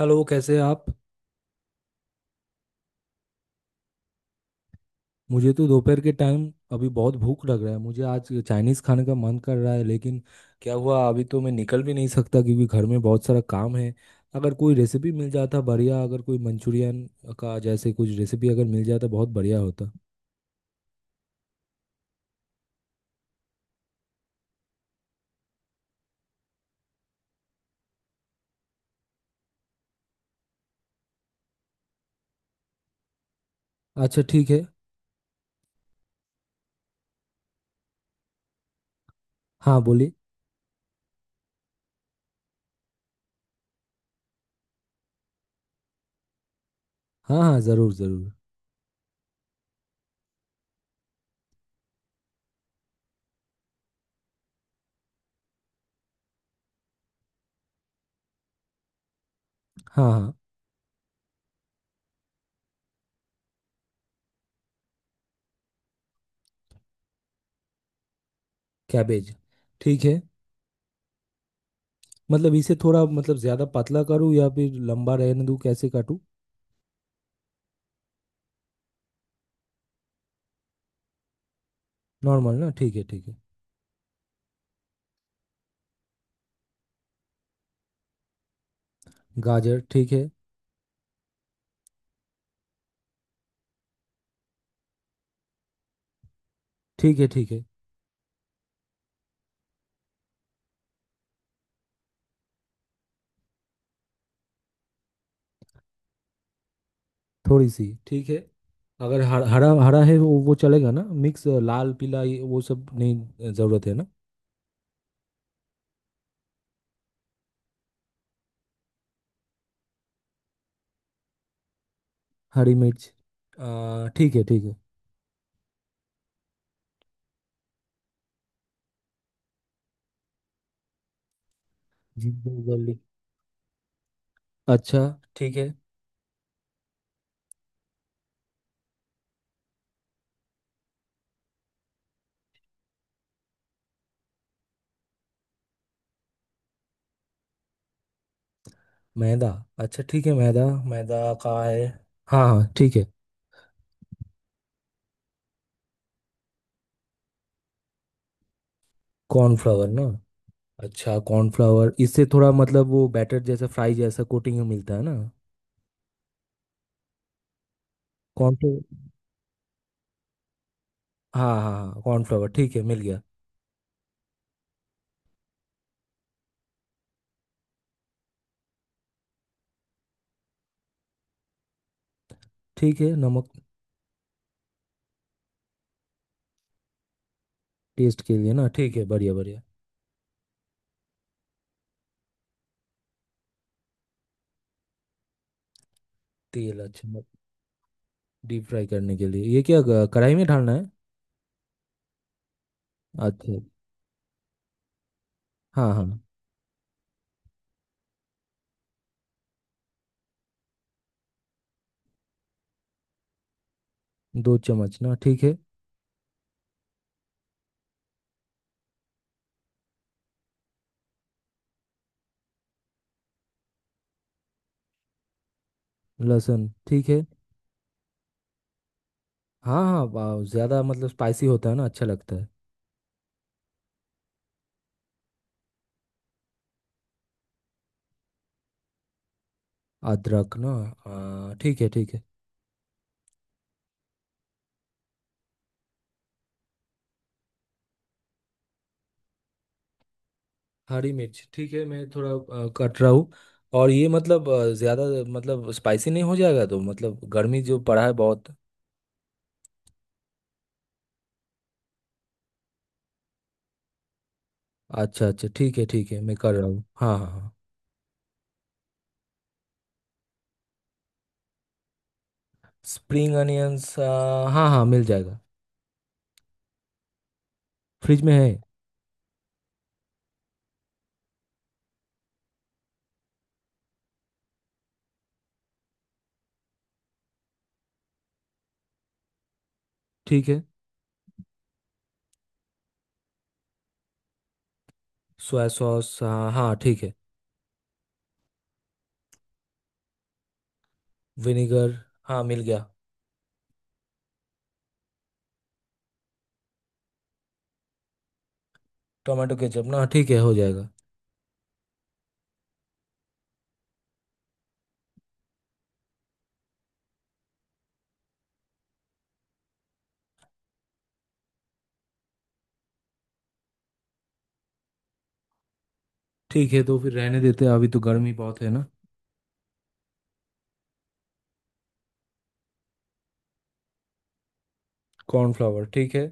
Hello कैसे हैं आप। मुझे तो दोपहर के टाइम अभी बहुत भूख लग रहा है। मुझे आज चाइनीज़ खाने का मन कर रहा है, लेकिन क्या हुआ, अभी तो मैं निकल भी नहीं सकता क्योंकि घर में बहुत सारा काम है। अगर कोई रेसिपी मिल जाता बढ़िया। अगर कोई मंचूरियन का जैसे कुछ रेसिपी अगर मिल जाता बहुत बढ़िया होता। अच्छा ठीक है। हाँ बोलिए। हाँ हाँ ज़रूर ज़रूर। हाँ हाँ। कैबेज, ठीक है। मतलब इसे थोड़ा मतलब ज़्यादा पतला करूँ या फिर लंबा रहने दूँ, कैसे काटूँ? नॉर्मल ना, ठीक है ठीक है। गाजर, ठीक है ठीक है ठीक है। थोड़ी सी ठीक है। अगर हर, हरा हरा है, वो चलेगा ना। मिक्स लाल पीला ये वो सब नहीं ज़रूरत है ना। हरी मिर्च। ठीक है ठीक है। जिंजर गार्लिक, अच्छा ठीक है। मैदा, अच्छा ठीक है। मैदा, मैदा का है? हाँ हाँ ठीक है। कॉर्नफ्लावर ना? अच्छा कॉर्नफ्लावर, इससे थोड़ा मतलब वो बैटर जैसा फ्राई जैसा कोटिंग मिलता है ना। कॉर्नफ्लावर, हाँ हाँ हाँ कॉर्नफ्लावर, ठीक है, मिल गया। ठीक है, नमक। टेस्ट के लिए ना, ठीक है, बढ़िया बढ़िया। तेल, अच्छा। डीप फ्राई करने के लिए, ये क्या, कढ़ाई में डालना है? अच्छा। हाँ हाँ। दो चम्मच ना, ठीक है। लहसुन, ठीक है। हाँ हाँ, ज़्यादा मतलब स्पाइसी होता है ना, अच्छा लगता है। अदरक ना, ठीक है ठीक है। हरी मिर्च ठीक है, मैं थोड़ा कट रहा हूँ। और ये मतलब ज़्यादा मतलब स्पाइसी नहीं हो जाएगा तो? मतलब गर्मी जो पड़ा है बहुत। अच्छा अच्छा, ठीक है ठीक है, मैं कर रहा हूँ, हाँ हाँ हाँ। स्प्रिंग अनियंस, हाँ हाँ मिल जाएगा, फ्रिज में है। ठीक है। सोया सॉस, हाँ हाँ ठीक है। विनेगर, हाँ मिल गया। टोमेटो केचप ना, ठीक है, हो जाएगा। ठीक है, तो फिर रहने देते हैं, अभी तो गर्मी बहुत है ना। कॉर्नफ्लावर, ठीक है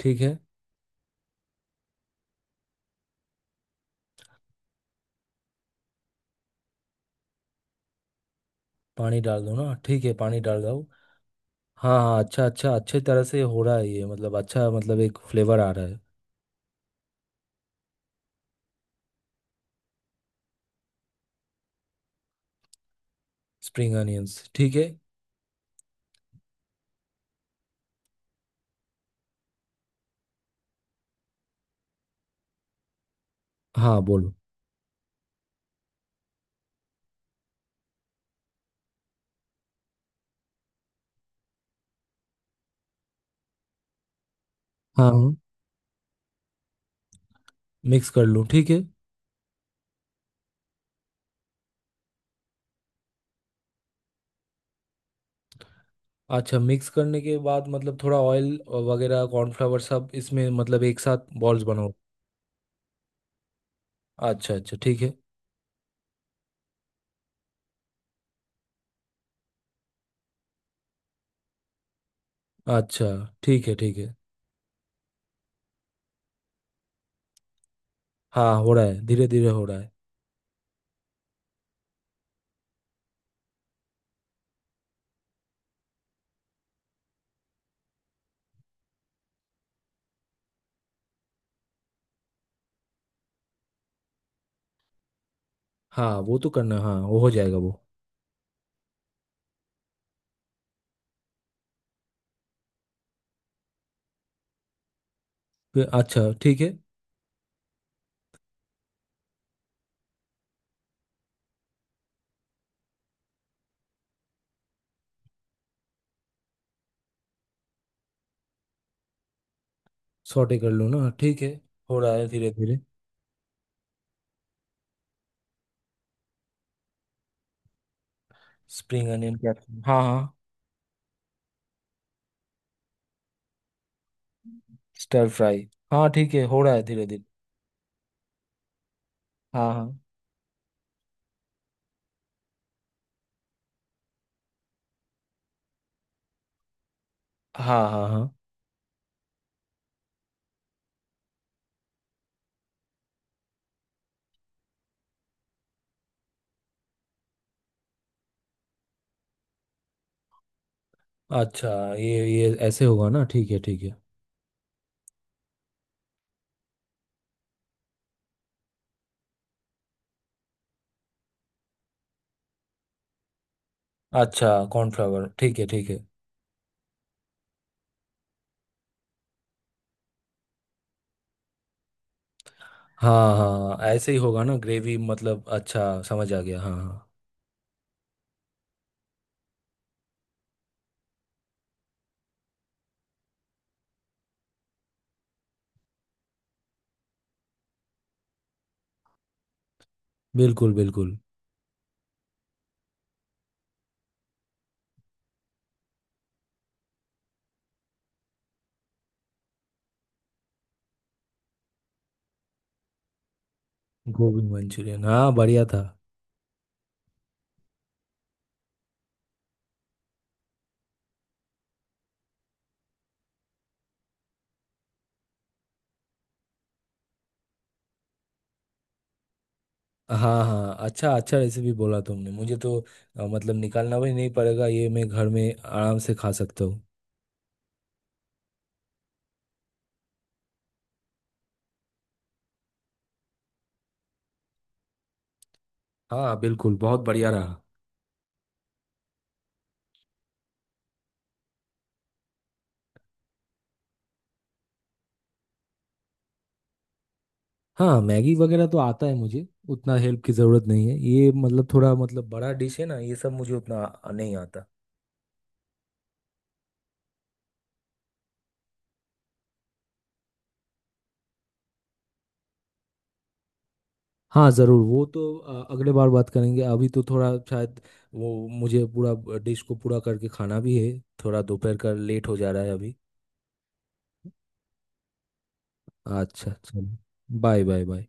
ठीक है। पानी डाल दो ना, ठीक है, पानी डाल दो। हाँ हाँ, अच्छा अच्छा, अच्छे तरह से हो रहा है ये, मतलब अच्छा, मतलब एक फ्लेवर आ रहा है। स्प्रिंग अनियंस, ठीक है। हाँ बोलो। हाँ हाँ, मिक्स कर लूँ, ठीक है। अच्छा, मिक्स करने के बाद मतलब थोड़ा ऑयल वगैरह कॉर्नफ्लावर सब इसमें, मतलब एक साथ बॉल्स बनाओ? अच्छा अच्छा, ठीक है। अच्छा, ठीक है ठीक है। हाँ हो रहा है, धीरे धीरे हो रहा है। हाँ वो तो करना, हाँ वो हो जाएगा वो। फिर, अच्छा ठीक है। सॉटे कर लो ना, ठीक है, हो रहा है धीरे धीरे। स्प्रिंग अनियन कैप्सिकम, हाँ हाँ। स्टर फ्राई, हाँ ठीक है, हो रहा है धीरे धीरे। हाँ हाँ हाँ। हाँ हाँ। अच्छा, ये ऐसे होगा ना, ठीक है ठीक है। अच्छा कॉर्नफ्लावर, ठीक है ठीक है। हाँ हाँ, ऐसे ही होगा ना ग्रेवी, मतलब अच्छा समझ आ गया, हाँ हाँ। बिल्कुल बिल्कुल। गोभी मंचूरियन, हाँ बढ़िया था। हाँ हाँ, अच्छा अच्छा रेसिपी बोला तुमने मुझे तो। मतलब निकालना भी नहीं पड़ेगा ये, मैं घर में आराम से खा सकता हूँ। हाँ बिल्कुल, बहुत बढ़िया रहा। हाँ मैगी वगैरह तो आता है मुझे, उतना हेल्प की ज़रूरत नहीं है। ये मतलब थोड़ा मतलब बड़ा डिश है ना ये सब, मुझे उतना नहीं आता। हाँ ज़रूर, वो तो अगले बार बात करेंगे। अभी तो थोड़ा शायद वो मुझे पूरा डिश को पूरा करके खाना भी है, थोड़ा दोपहर का लेट हो जा रहा है अभी। अच्छा चलो, बाय बाय बाय।